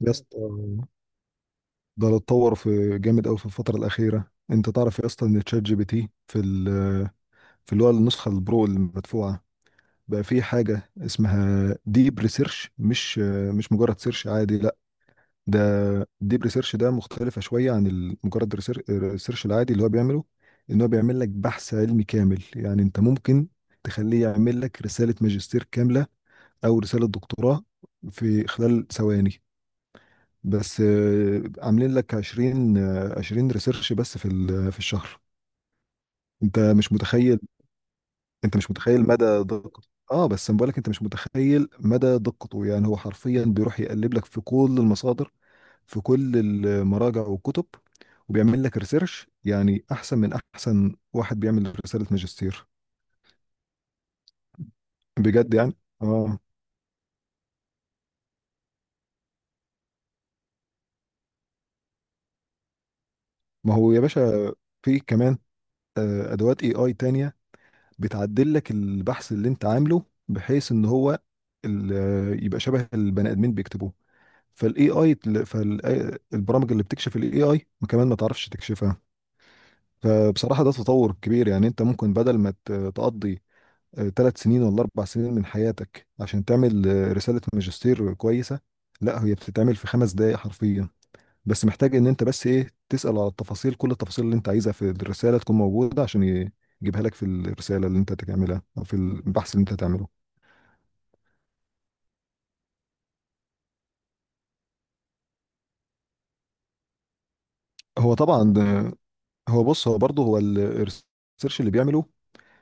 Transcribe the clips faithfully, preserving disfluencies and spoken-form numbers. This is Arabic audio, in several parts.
يا اسطى، ده اللي اتطور في جامد قوي في الفترة الأخيرة. أنت تعرف يا اسطى إن تشات جي بي تي في ال في اللي هو النسخة البرو المدفوعة، بقى في حاجة اسمها ديب ريسيرش، مش مش مجرد سيرش عادي، لا. ده ديب ريسيرش ده مختلفة شوية عن ال- مجرد ريسير- الريسيرش العادي اللي هو بيعمله. إن هو بيعمل لك بحث علمي كامل. يعني أنت ممكن تخليه يعمل لك رسالة ماجستير كاملة أو رسالة دكتوراه في خلال ثواني. بس، آه، عاملين لك عشرين، آه، عشرين ريسيرش بس في ال- في الشهر. انت مش متخيل انت مش متخيل مدى دقته. اه، بس أنا بقولك انت مش متخيل مدى دقته. يعني هو حرفيا بيروح يقلب لك في كل المصادر، في كل المراجع والكتب، وبيعمل لك ريسيرش يعني احسن من احسن واحد بيعمل رسالة ماجستير بجد. يعني، اه. ما هو يا باشا، في كمان آه، ادوات اي اي تانية بتعدل لك البحث اللي انت عامله، بحيث ان هو ال- يبقى شبه البني ادمين بيكتبوه، فالاي اي، فالبرامج اللي بتكشف الاي اي كمان ما تعرفش تكشفها. فبصراحة ده تطور كبير. يعني انت ممكن بدل ما ت- تقضي ثلاث سنين ولا اربع سنين من حياتك عشان تعمل آه، رسالة ماجستير كويسة، لا هي بتتعمل في خمس دقايق حرفيا. بس محتاج ان انت بس ايه، تسأل على التفاصيل، كل التفاصيل اللي انت عايزها في الرسالة تكون موجودة عشان ي- يجيبها لك في الرسالة اللي انت تعملها او في البحث اللي انت تعمله. هو طبعا ده- هو بص، هو برضه، هو ال- الريسيرش اللي بيعمله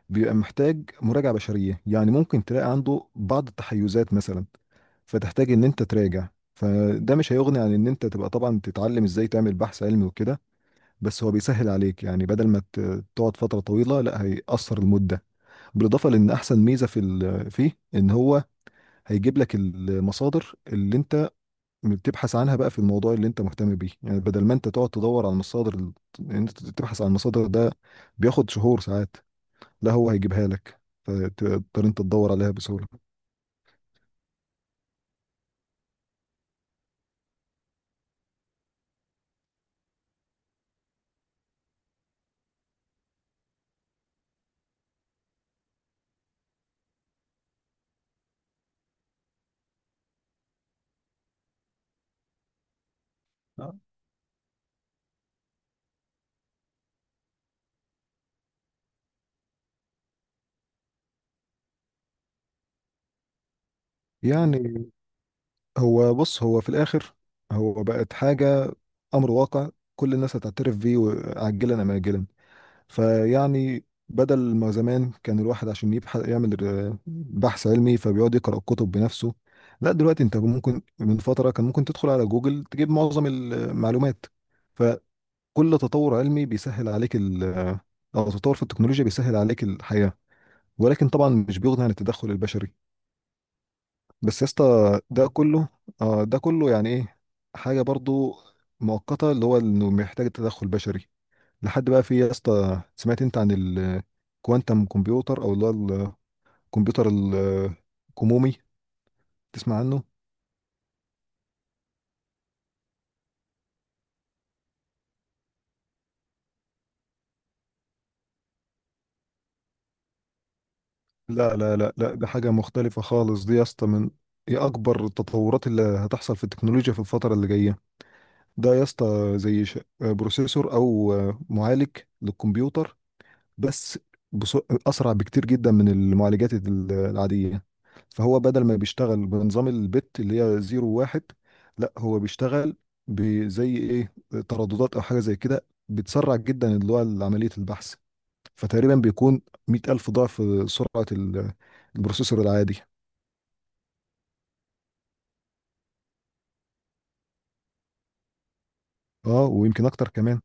بيبقى محتاج مراجعة بشرية. يعني ممكن تلاقي عنده بعض التحيزات مثلا، فتحتاج ان انت تراجع. فده مش هيغني عن ان انت تبقى طبعا تتعلم ازاي تعمل بحث علمي وكده. بس هو بيسهل عليك، يعني بدل ما ت- تقعد فترة طويلة، لا هيقصر المدة. بالاضافه لان احسن ميزه في ال- فيه، ان هو هيجيب لك المصادر اللي انت بتبحث عنها بقى في الموضوع اللي انت مهتم بيه. يعني بدل ما انت تقعد تدور على المصادر ال- ان انت تبحث عن المصادر، ده بياخد شهور ساعات. لا، هو هيجيبها لك فتقدر انت تدور عليها بسهوله. يعني هو بص، هو في الاخر هو بقت حاجه، امر واقع، كل الناس هتعترف بيه و- عاجلا ام اجلا. فيعني بدل ما زمان كان الواحد عشان يبحث يعمل ر- بحث علمي، فبيقعد يقرأ الكتب بنفسه. لا، دلوقتي انت ممكن، من فترة كان ممكن تدخل على جوجل تجيب معظم المعلومات. فكل تطور علمي بيسهل عليك ال او تطور في التكنولوجيا بيسهل عليك الحياة، ولكن طبعا مش بيغني عن التدخل البشري. بس يا اسطى، ده كله آه، ده كله يعني ايه، حاجة برضو مؤقتة، اللي هو انه محتاج تدخل بشري لحد بقى في. يا اسطى، سمعت انت عن الكوانتم كمبيوتر، او اللي هو الكمبيوتر ال- الكمومي؟ تسمع عنه؟ لا لا لا لا، ده حاجة مختلفة خالص دي يا اسطى. من هي اكبر التطورات اللي هتحصل في التكنولوجيا في الفترة اللي جاية. ده يا اسطى زي ش- آه، بروسيسور او آه، معالج للكمبيوتر، بس بص، اسرع بكتير جدا من المعالجات ال- العاديه. فهو بدل ما بيشتغل بنظام البت اللي هي زيرو واحد، لا هو بيشتغل بزي ايه، ترددات او حاجه زي كده بتسرع جدا اللي هو عمليه البحث. فتقريبا بيكون مئة ألف ضعف سرعه ال- البروسيسور العادي. اه، ويمكن اكتر كمان.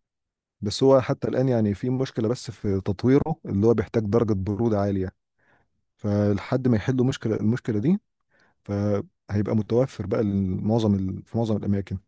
بس هو حتى الان يعني في مشكله، بس في تطويره اللي هو بيحتاج درجه بروده عاليه. فلحد ما يحلوا مشكله المشكله دي، فهيبقى متوفر بقى لمعظم ال... في معظم الاماكن.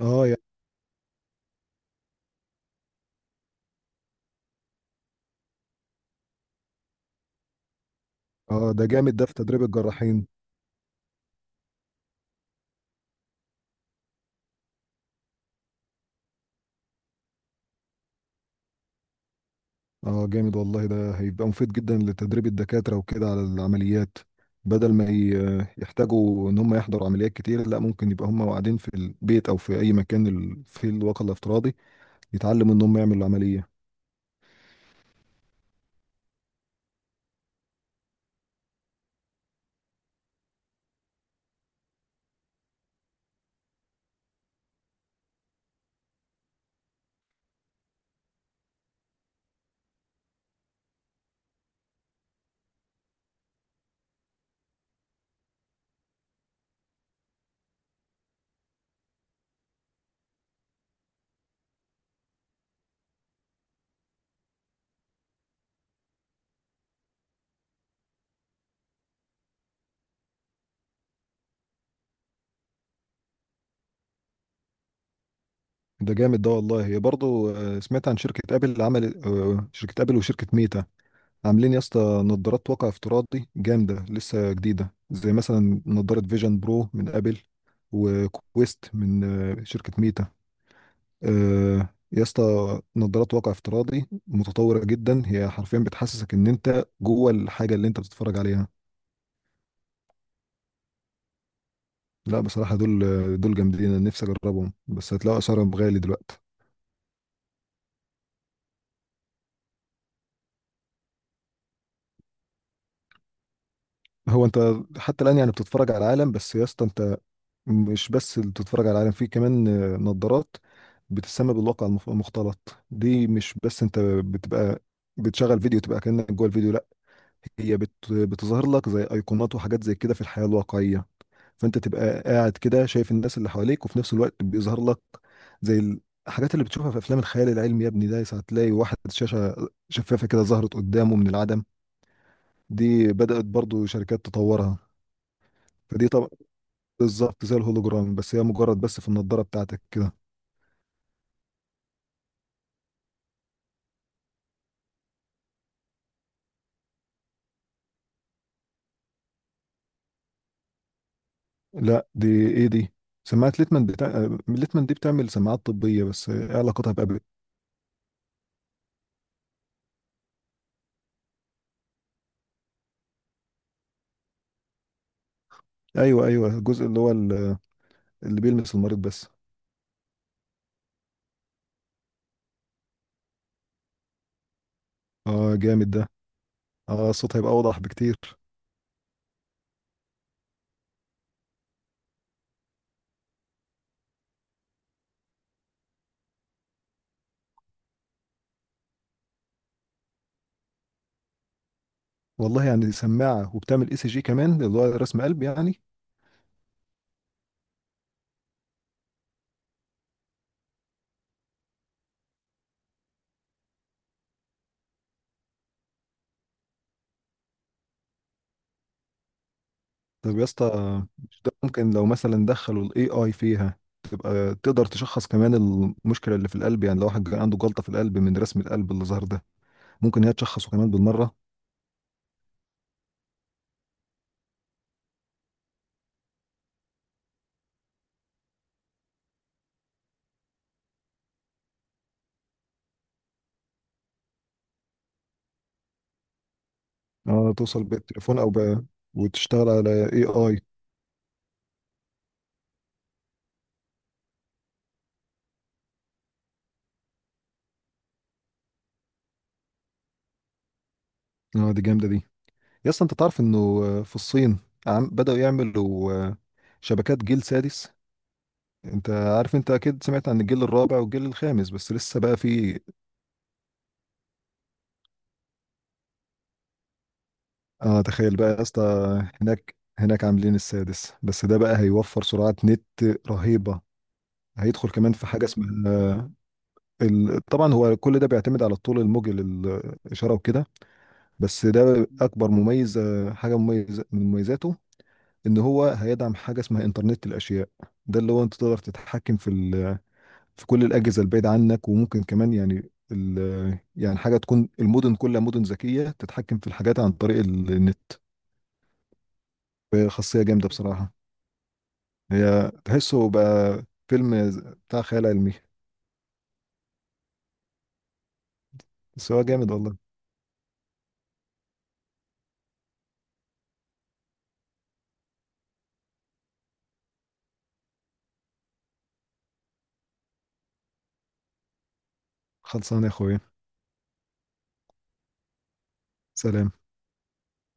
اه، يعني. اه، ده جامد ده في تدريب الجراحين. اه، جامد والله، ده هيبقى مفيد جدا لتدريب الدكاترة وكده على العمليات. بدل ما ي- يحتاجوا ان هم يحضروا عمليات كتير، لا ممكن يبقى هم قاعدين في البيت او في اي مكان ال- في الواقع الافتراضي يتعلموا ان هم يعملوا عملية. ده جامد ده والله. هي برضه، آه، سمعت عن شركة ابل، عمل آه، شركة ابل وشركة ميتا عاملين يا اسطى نظارات واقع افتراضي جامدة لسه جديدة، زي مثلا نظارة فيجن برو من ابل، وكويست من آه، شركة ميتا. آه، يا اسطى، نظارات واقع افتراضي متطورة جدا، هي حرفيا بتحسسك ان انت جوه الحاجة اللي انت بتتفرج عليها. لا، بصراحة دول آه، دول جامدين، انا نفسي اجربهم، بس هتلاقوا اسعارهم غالي دلوقتي. هو انت حتى الان يعني بتتفرج على العالم، بس يا اسطى انت مش بس اللي بتتفرج على العالم، في كمان آه، نظارات بتسمى بالواقع المف- المختلط دي. مش بس انت بتبقى بتشغل فيديو تبقى كأنك جوه الفيديو، لا، هي بت بتظهر لك زي ايقونات وحاجات زي كده في الحياة الواقعية. فانت تبقى قاعد كده شايف الناس اللي حواليك، وفي نفس الوقت بيظهر لك زي الحاجات اللي بتشوفها في افلام الخيال العلمي يا ابني. ده ساعة تلاقي واحد شاشة شفافة كده ظهرت قدامه من العدم. دي بدأت برضو شركات تطورها. فدي طبعا بالظبط زي الهولوجرام، بس هي مجرد، بس في النضارة بتاعتك كده. لا، دي ايه دي؟ سماعة ليتمان، بتاع آه، ليتمان دي بتعمل سماعات طبية، بس آه، ايه علاقتها بأبل؟ ايوه، ايوه، الجزء اللي هو ال- اللي بيلمس المريض بس. اه، جامد ده. اه، الصوت هيبقى اوضح بكتير. والله، يعني سماعة وبتعمل اي سي جي كمان، اللي هو رسم قلب يعني. طب يا اسطى، آه، مش ده ممكن لو مثلا دخلوا الاي اي فيها، تبقى تقدر تشخص كمان المشكلة اللي في القلب؟ يعني لو واحد كان عنده جلطة في القلب من رسم القلب اللي ظهر ده، ممكن هي تشخصه كمان بالمرة. اه، توصل بالتليفون او ب... وتشتغل على اي اي. اه، دي جامدة دي. يا اسطى انت تعرف انه آه، في الصين عم بدأوا يعملوا آه، شبكات جيل سادس. انت عارف، انت اكيد سمعت عن الجيل الرابع والجيل الخامس، بس لسه بقى في. اه، تخيل بقى يا اسطى، هناك هناك عاملين السادس، بس ده بقى هيوفر سرعة نت رهيبة. هيدخل كمان في حاجة اسمها ال... طبعا هو كل ده بيعتمد على الطول الموجي للإشارة وكده. بس ده أكبر مميز آه، حاجة مميزة من مميزاته، ان هو هيدعم حاجه اسمها انترنت الاشياء. ده اللي هو انت تقدر تتحكم في ال- في كل الاجهزه البعيده عنك، وممكن كمان يعني ال- يعني حاجه تكون المدن كلها مدن ذكيه تتحكم في الحاجات عن طريق ال- النت. فهي خاصيه جامده بصراحه، هي تحسه بقى فيلم بتاع خيال علمي. بس هو جامد والله. خلصان يا اخويا. سلام.